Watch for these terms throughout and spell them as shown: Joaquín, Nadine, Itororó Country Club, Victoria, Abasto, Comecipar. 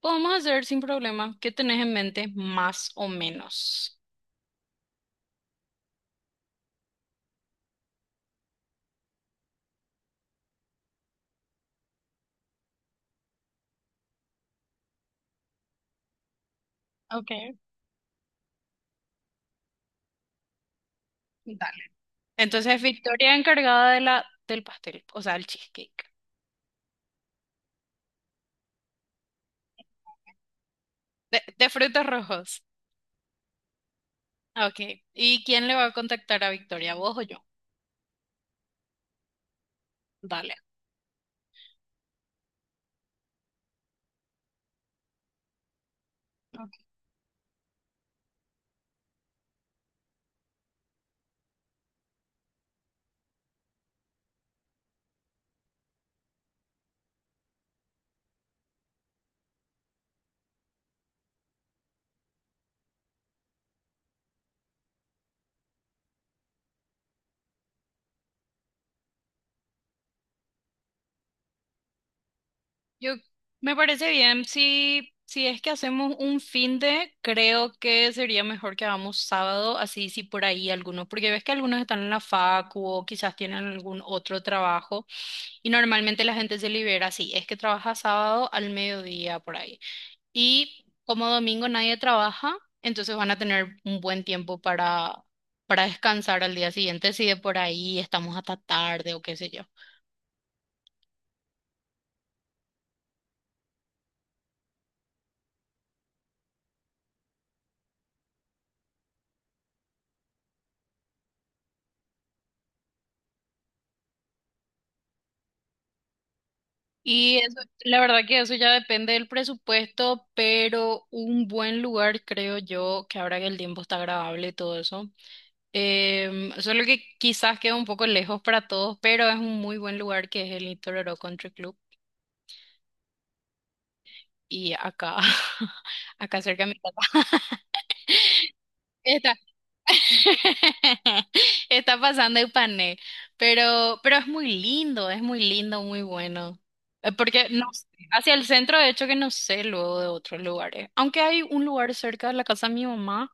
Podemos hacer sin problema. ¿Qué tenés en mente más o menos? Ok, dale. Entonces, Victoria encargada de del pastel, o sea, el cheesecake. De frutos rojos. Ok. ¿Y quién le va a contactar a Victoria? ¿Vos o yo? Dale. Ok. Yo me parece bien. Si es que hacemos un fin de, creo que sería mejor que hagamos sábado, así si por ahí algunos, porque ves que algunos están en la facu o quizás tienen algún otro trabajo. Y normalmente la gente se libera así, es que trabaja sábado al mediodía por ahí. Y como domingo nadie trabaja, entonces van a tener un buen tiempo para descansar al día siguiente, si de por ahí estamos hasta tarde o qué sé yo. Y eso, la verdad que eso ya depende del presupuesto, pero un buen lugar creo yo, que ahora que el tiempo está agradable y todo eso, solo que quizás queda un poco lejos para todos, pero es un muy buen lugar que es el Itororó Country Club. Y acá, acá cerca de mi casa, está, está pasando el pané, pero es muy lindo, muy bueno. Porque no sé, hacia el centro, de hecho, que no sé luego de otros lugares. Aunque hay un lugar cerca de la casa de mi mamá,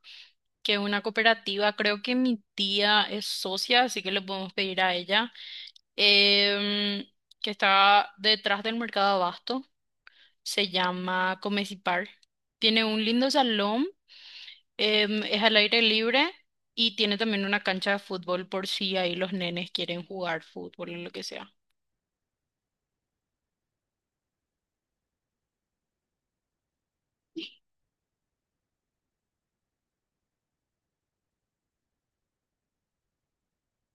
que es una cooperativa, creo que mi tía es socia, así que le podemos pedir a ella, em, que está detrás del mercado Abasto, se llama Comecipar. Tiene un lindo salón, es al aire libre y tiene también una cancha de fútbol por si ahí los nenes quieren jugar fútbol o lo que sea.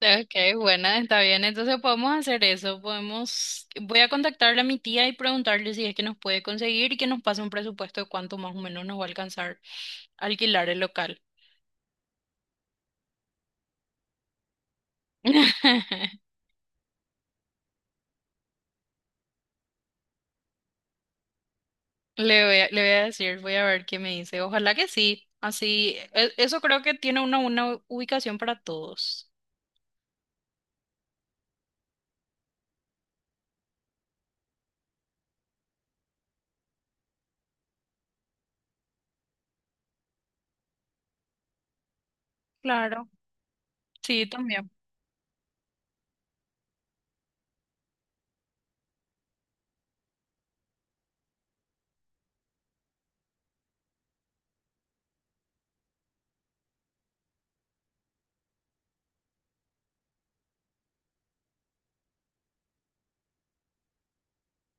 Okay, bueno, está bien. Entonces podemos hacer eso. Podemos, voy a contactarle a mi tía y preguntarle si es que nos puede conseguir y que nos pase un presupuesto de cuánto más o menos nos va a alcanzar alquilar el local. Le voy a decir, voy a ver qué me dice. Ojalá que sí. Así, eso creo que tiene una ubicación para todos. Claro. Sí, también.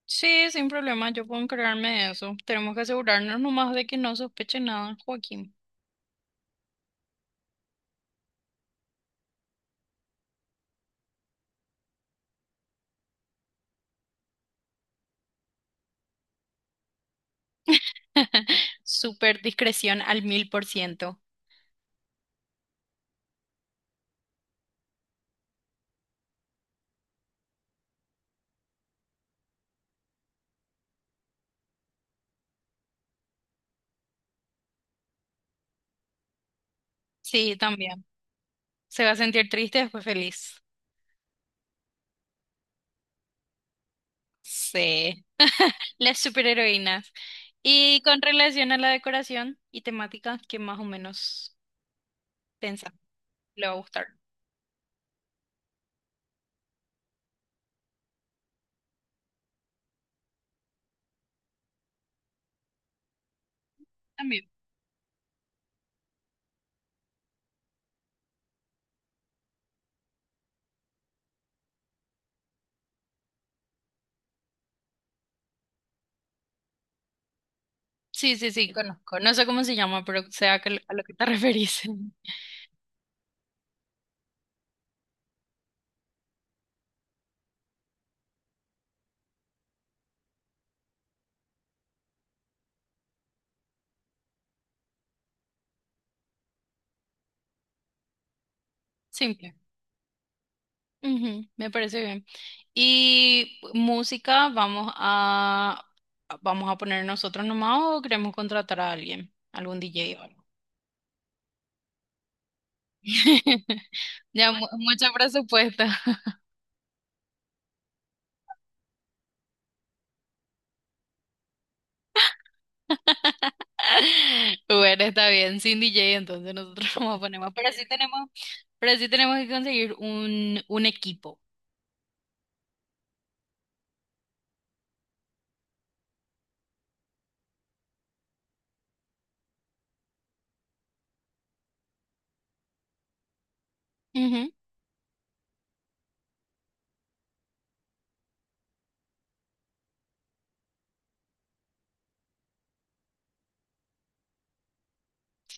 Sí, sin problema, yo puedo encargarme de eso. Tenemos que asegurarnos nomás de que no sospeche nada, Joaquín. Súper discreción al mil por ciento. Sí, también. Se va a sentir triste después feliz. Sí. Las superheroínas. Y con relación a la decoración y temática, que más o menos pensa, le va a gustar. También. Sí, sí, sí, conozco. No sé cómo se llama, pero sé a, a lo que te referís. Simple. Ujú, me parece bien. Y música, vamos a poner nosotros nomás o queremos contratar a alguien, algún DJ o algo. Ya mucho presupuesto. Bueno, está bien, sin DJ, entonces nosotros nos ponemos. Pero sí tenemos que conseguir un equipo.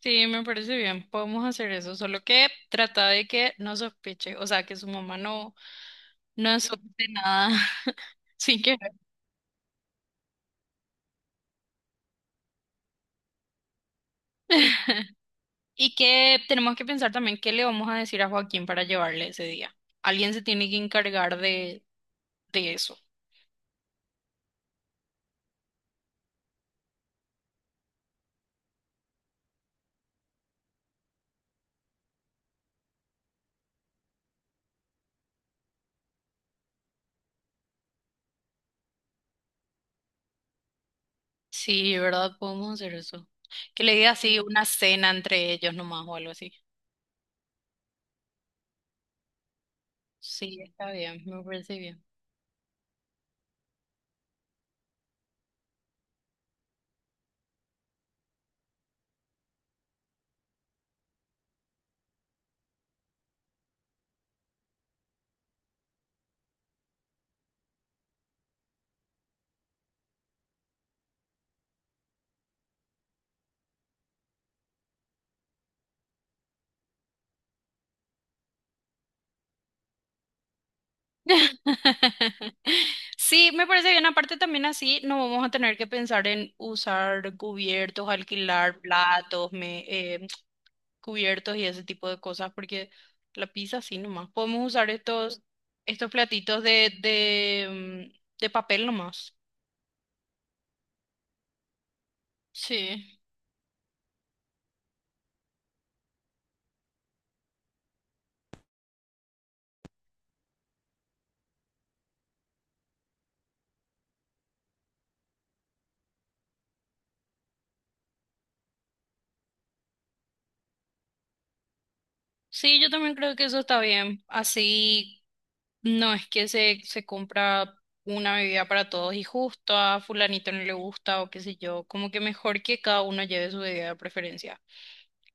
Sí, me parece bien, podemos hacer eso, solo que trata de que no sospeche, o sea, que su mamá no, no sospeche nada sin querer. Y que tenemos que pensar también qué le vamos a decir a Joaquín para llevarle ese día. Alguien se tiene que encargar de eso. Sí, ¿verdad? Podemos hacer eso. Que le diga así una cena entre ellos nomás o algo así. Sí, está bien, me parece bien. Sí, me parece bien. Aparte también así no vamos a tener que pensar en usar cubiertos, alquilar platos, me, cubiertos y ese tipo de cosas, porque la pizza sí nomás. Podemos usar estos, estos platitos de, de papel nomás. Sí. Sí, yo también creo que eso está bien. Así no, es que se compra una bebida para todos y justo a fulanito no le gusta o qué sé yo, como que mejor que cada uno lleve su bebida de preferencia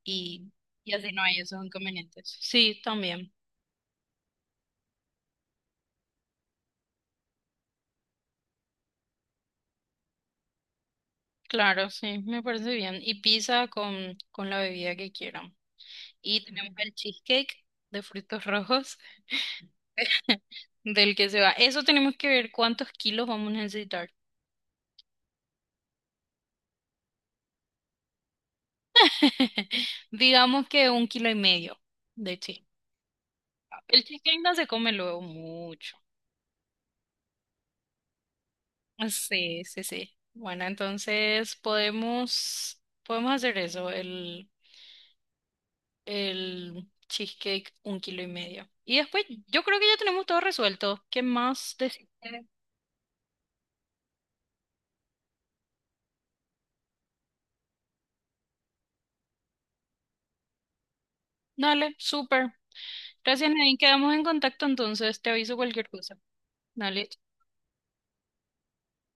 y, y así no hay esos inconvenientes. Sí, también, claro, sí, me parece bien. Y pizza con la bebida que quieran. Y tenemos el cheesecake de frutos rojos del que se va. Eso tenemos que ver cuántos kilos vamos a necesitar. Digamos que un kilo y medio de cheesecake. El cheesecake no se come luego mucho. Sí, sí, sí. Bueno, entonces podemos, podemos hacer eso, el cheesecake un kilo y medio. Y después yo creo que ya tenemos todo resuelto. ¿Qué más decir? Dale, súper. Gracias, Nadine. Quedamos en contacto entonces. Te aviso cualquier cosa. Dale.